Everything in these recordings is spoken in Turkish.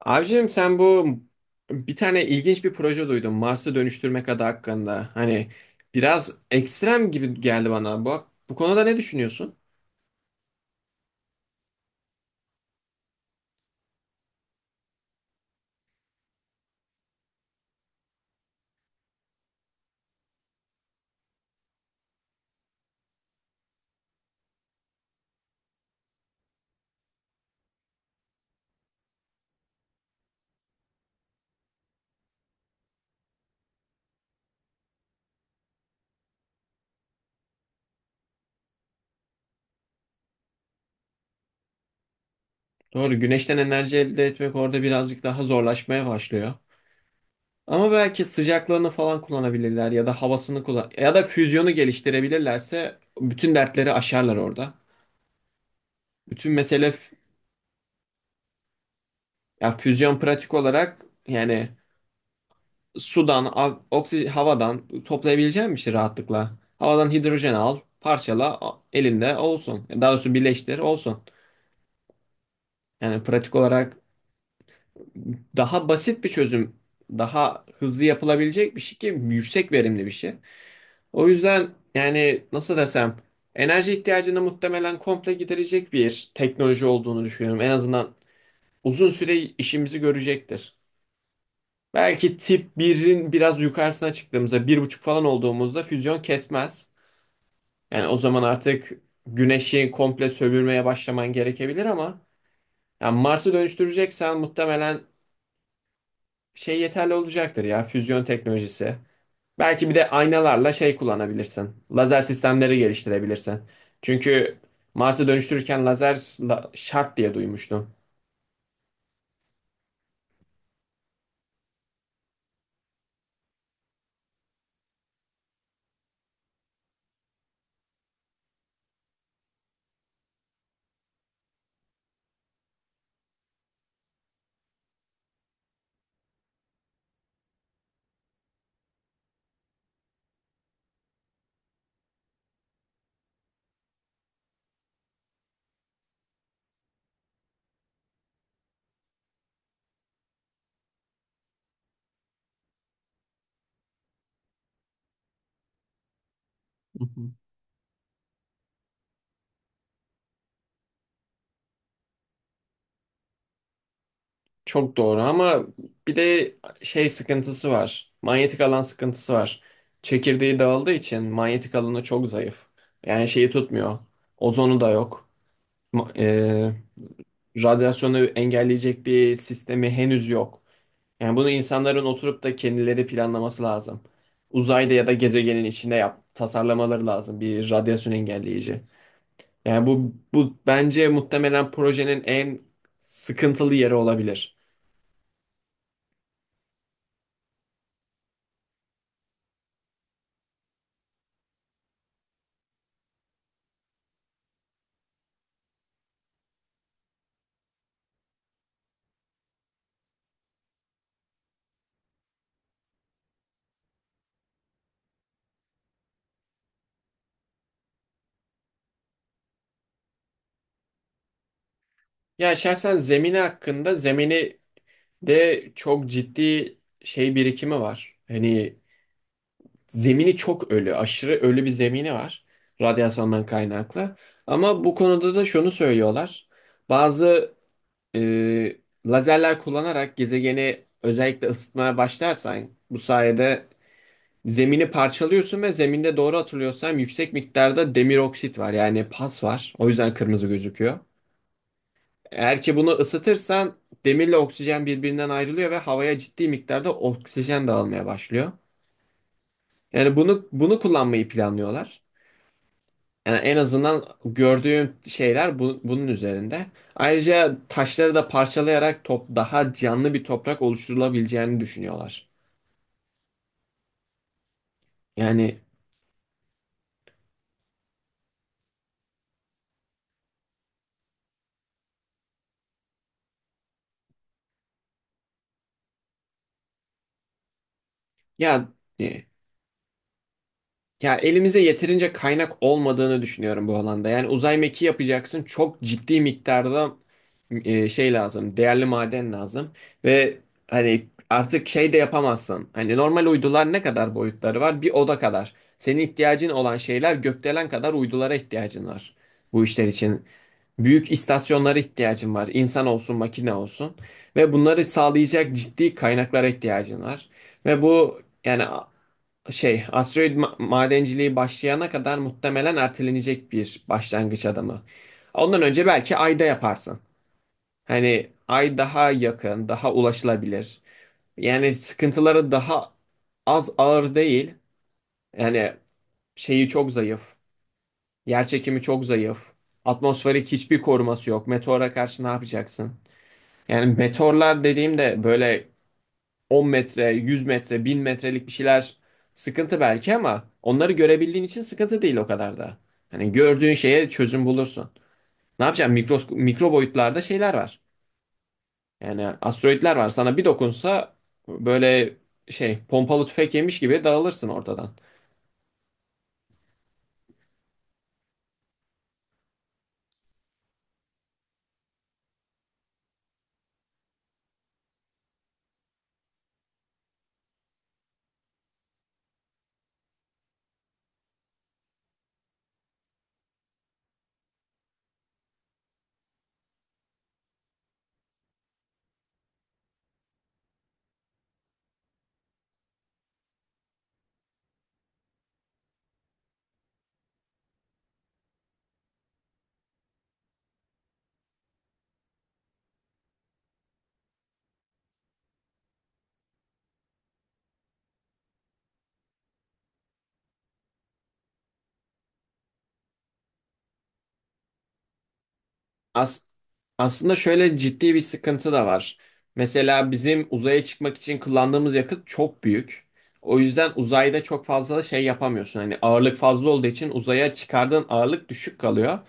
Abicim, sen bu bir tane ilginç bir proje duydum. Mars'ı dönüştürmek adı hakkında. Hani biraz ekstrem gibi geldi bana. Bu konuda ne düşünüyorsun? Doğru, güneşten enerji elde etmek orada birazcık daha zorlaşmaya başlıyor. Ama belki sıcaklığını falan kullanabilirler ya da havasını kullan ya da füzyonu geliştirebilirlerse bütün dertleri aşarlar orada. Bütün mesele ya füzyon pratik olarak yani sudan, havadan toplayabileceğin bir şey rahatlıkla. Havadan hidrojen al, parçala, elinde olsun. Daha doğrusu birleştir, olsun. Yani pratik olarak daha basit bir çözüm, daha hızlı yapılabilecek bir şey ki yüksek verimli bir şey. O yüzden yani nasıl desem enerji ihtiyacını muhtemelen komple giderecek bir teknoloji olduğunu düşünüyorum. En azından uzun süre işimizi görecektir. Belki tip birin biraz yukarısına çıktığımızda bir buçuk falan olduğumuzda füzyon kesmez. Yani o zaman artık güneşi komple sömürmeye başlaman gerekebilir ama yani Mars'ı dönüştüreceksen muhtemelen şey yeterli olacaktır ya füzyon teknolojisi. Belki bir de aynalarla şey kullanabilirsin. Lazer sistemleri geliştirebilirsin. Çünkü Mars'ı dönüştürürken lazer şart diye duymuştum. Çok doğru ama bir de şey sıkıntısı var. Manyetik alan sıkıntısı var. Çekirdeği dağıldığı için manyetik alanı çok zayıf. Yani şeyi tutmuyor. Ozonu da yok. Ma- e, Radyasyonu engelleyecek bir sistemi henüz yok. Yani bunu insanların oturup da kendileri planlaması lazım. Uzayda ya da gezegenin içinde yap, tasarlamaları lazım bir radyasyon engelleyici. Yani bu bence muhtemelen projenin en sıkıntılı yeri olabilir. Ya şahsen zemini de çok ciddi şey birikimi var. Hani zemini çok ölü, aşırı ölü bir zemini var radyasyondan kaynaklı. Ama bu konuda da şunu söylüyorlar. Bazı e, lazerler kullanarak gezegeni özellikle ısıtmaya başlarsan bu sayede zemini parçalıyorsun ve zeminde doğru hatırlıyorsam yüksek miktarda demir oksit var yani pas var. O yüzden kırmızı gözüküyor. Eğer ki bunu ısıtırsan demirle oksijen birbirinden ayrılıyor ve havaya ciddi miktarda oksijen dağılmaya başlıyor. Yani bunu kullanmayı planlıyorlar. Yani en azından gördüğüm şeyler bunun üzerinde. Ayrıca taşları da parçalayarak top daha canlı bir toprak oluşturulabileceğini düşünüyorlar. Yani ya e, Ya elimizde yeterince kaynak olmadığını düşünüyorum bu alanda. Yani uzay mekiği yapacaksın. Çok ciddi miktarda şey lazım. Değerli maden lazım. Ve hani artık şey de yapamazsın. Hani normal uydular ne kadar boyutları var? Bir oda kadar. Senin ihtiyacın olan şeyler gökdelen kadar uydulara ihtiyacın var. Bu işler için. Büyük istasyonlara ihtiyacın var. İnsan olsun, makine olsun. Ve bunları sağlayacak ciddi kaynaklara ihtiyacın var. Ve bu yani şey asteroid madenciliği başlayana kadar muhtemelen ertelenecek bir başlangıç adımı. Ondan önce belki Ayda yaparsın. Hani Ay daha yakın, daha ulaşılabilir. Yani sıkıntıları daha az ağır değil. Yani şeyi çok zayıf. Yer çekimi çok zayıf. Atmosferik hiçbir koruması yok. Meteora karşı ne yapacaksın? Yani meteorlar dediğimde böyle 10 metre, 100 metre, 1000 metrelik bir şeyler sıkıntı belki ama onları görebildiğin için sıkıntı değil o kadar da. Hani gördüğün şeye çözüm bulursun. Ne yapacaksın? Mikro, mikro boyutlarda şeyler var. Yani asteroidler var. Sana bir dokunsa böyle şey pompalı tüfek yemiş gibi dağılırsın ortadan. As- Aslında şöyle ciddi bir sıkıntı da var. Mesela bizim uzaya çıkmak için kullandığımız yakıt çok büyük. O yüzden uzayda çok fazla şey yapamıyorsun. Hani ağırlık fazla olduğu için uzaya çıkardığın ağırlık düşük kalıyor.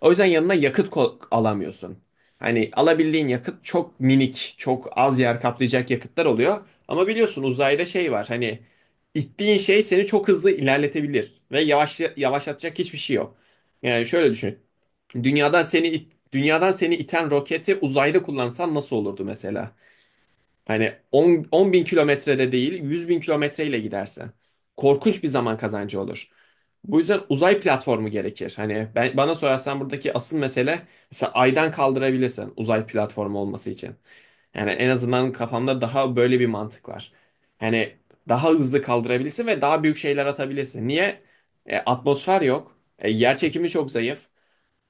O yüzden yanına yakıt alamıyorsun. Hani alabildiğin yakıt çok minik, çok az yer kaplayacak yakıtlar oluyor. Ama biliyorsun uzayda şey var. Hani ittiğin şey seni çok hızlı ilerletebilir ve yavaş yavaşlatacak hiçbir şey yok. Yani şöyle düşün. Dünyadan seni iten roketi uzayda kullansan nasıl olurdu mesela? Hani 10, 10 bin kilometrede değil 100 bin kilometreyle gidersen. Korkunç bir zaman kazancı olur. Bu yüzden uzay platformu gerekir. Hani ben, bana sorarsan buradaki asıl mesele mesela aydan kaldırabilirsin uzay platformu olması için. Yani en azından kafamda daha böyle bir mantık var. Hani daha hızlı kaldırabilirsin ve daha büyük şeyler atabilirsin. Niye? Atmosfer yok. Yer çekimi çok zayıf.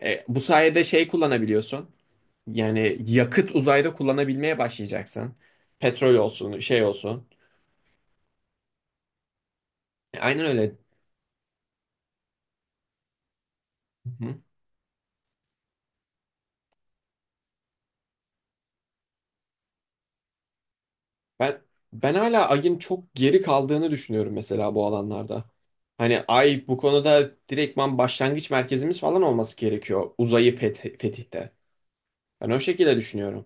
Bu sayede şey kullanabiliyorsun. Yani yakıt uzayda kullanabilmeye başlayacaksın. Petrol olsun, şey olsun. Aynen öyle. Hı hı. Ben ben hala Ay'ın çok geri kaldığını düşünüyorum mesela bu alanlarda. Hani Ay bu konuda direktman başlangıç merkezimiz falan olması gerekiyor uzayı fetihte. Ben o şekilde düşünüyorum.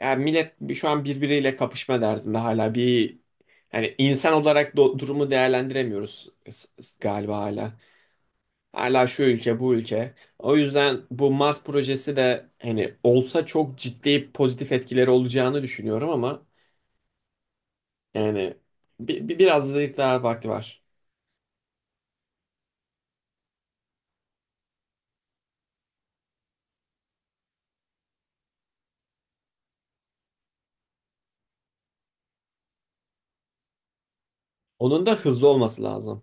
Yani millet şu an birbiriyle kapışma derdinde hala bir hani insan olarak durumu değerlendiremiyoruz galiba hala. Hala şu ülke, bu ülke. O yüzden bu Mars projesi de hani olsa çok ciddi pozitif etkileri olacağını düşünüyorum ama yani birazcık daha vakti var. Onun da hızlı olması lazım.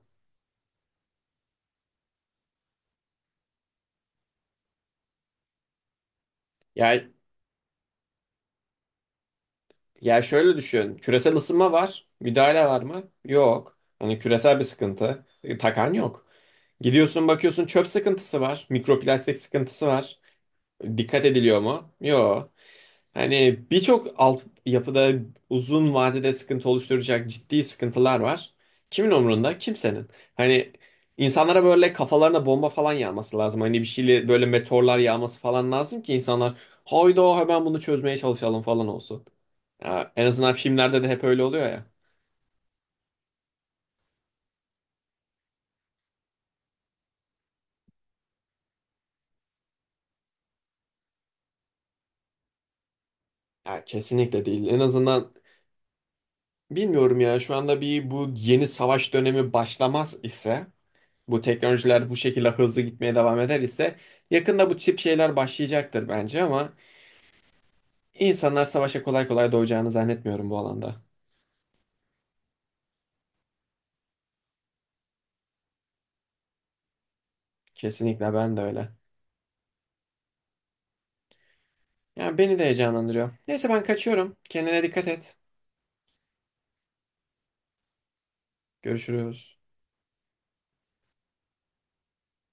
Yani ya şöyle düşün. Küresel ısınma var. Müdahale var mı? Yok. Hani küresel bir sıkıntı. Takan yok. Gidiyorsun bakıyorsun çöp sıkıntısı var. Mikroplastik sıkıntısı var. Dikkat ediliyor mu? Yok. Hani birçok alt yapıda uzun vadede sıkıntı oluşturacak ciddi sıkıntılar var. Kimin umrunda? Kimsenin. Hani insanlara böyle kafalarına bomba falan yağması lazım. Hani bir şeyle böyle meteorlar yağması falan lazım ki insanlar hayda hemen bunu çözmeye çalışalım falan olsun. Ya, en azından filmlerde de hep öyle oluyor ya. Ya kesinlikle değil. En azından bilmiyorum ya şu anda bir bu yeni savaş dönemi başlamaz ise bu teknolojiler bu şekilde hızlı gitmeye devam eder ise yakında bu tip şeyler başlayacaktır bence ama insanlar savaşa kolay kolay doyacağını zannetmiyorum bu alanda. Kesinlikle ben de öyle. Yani beni de heyecanlandırıyor. Neyse ben kaçıyorum. Kendine dikkat et. Görüşürüz.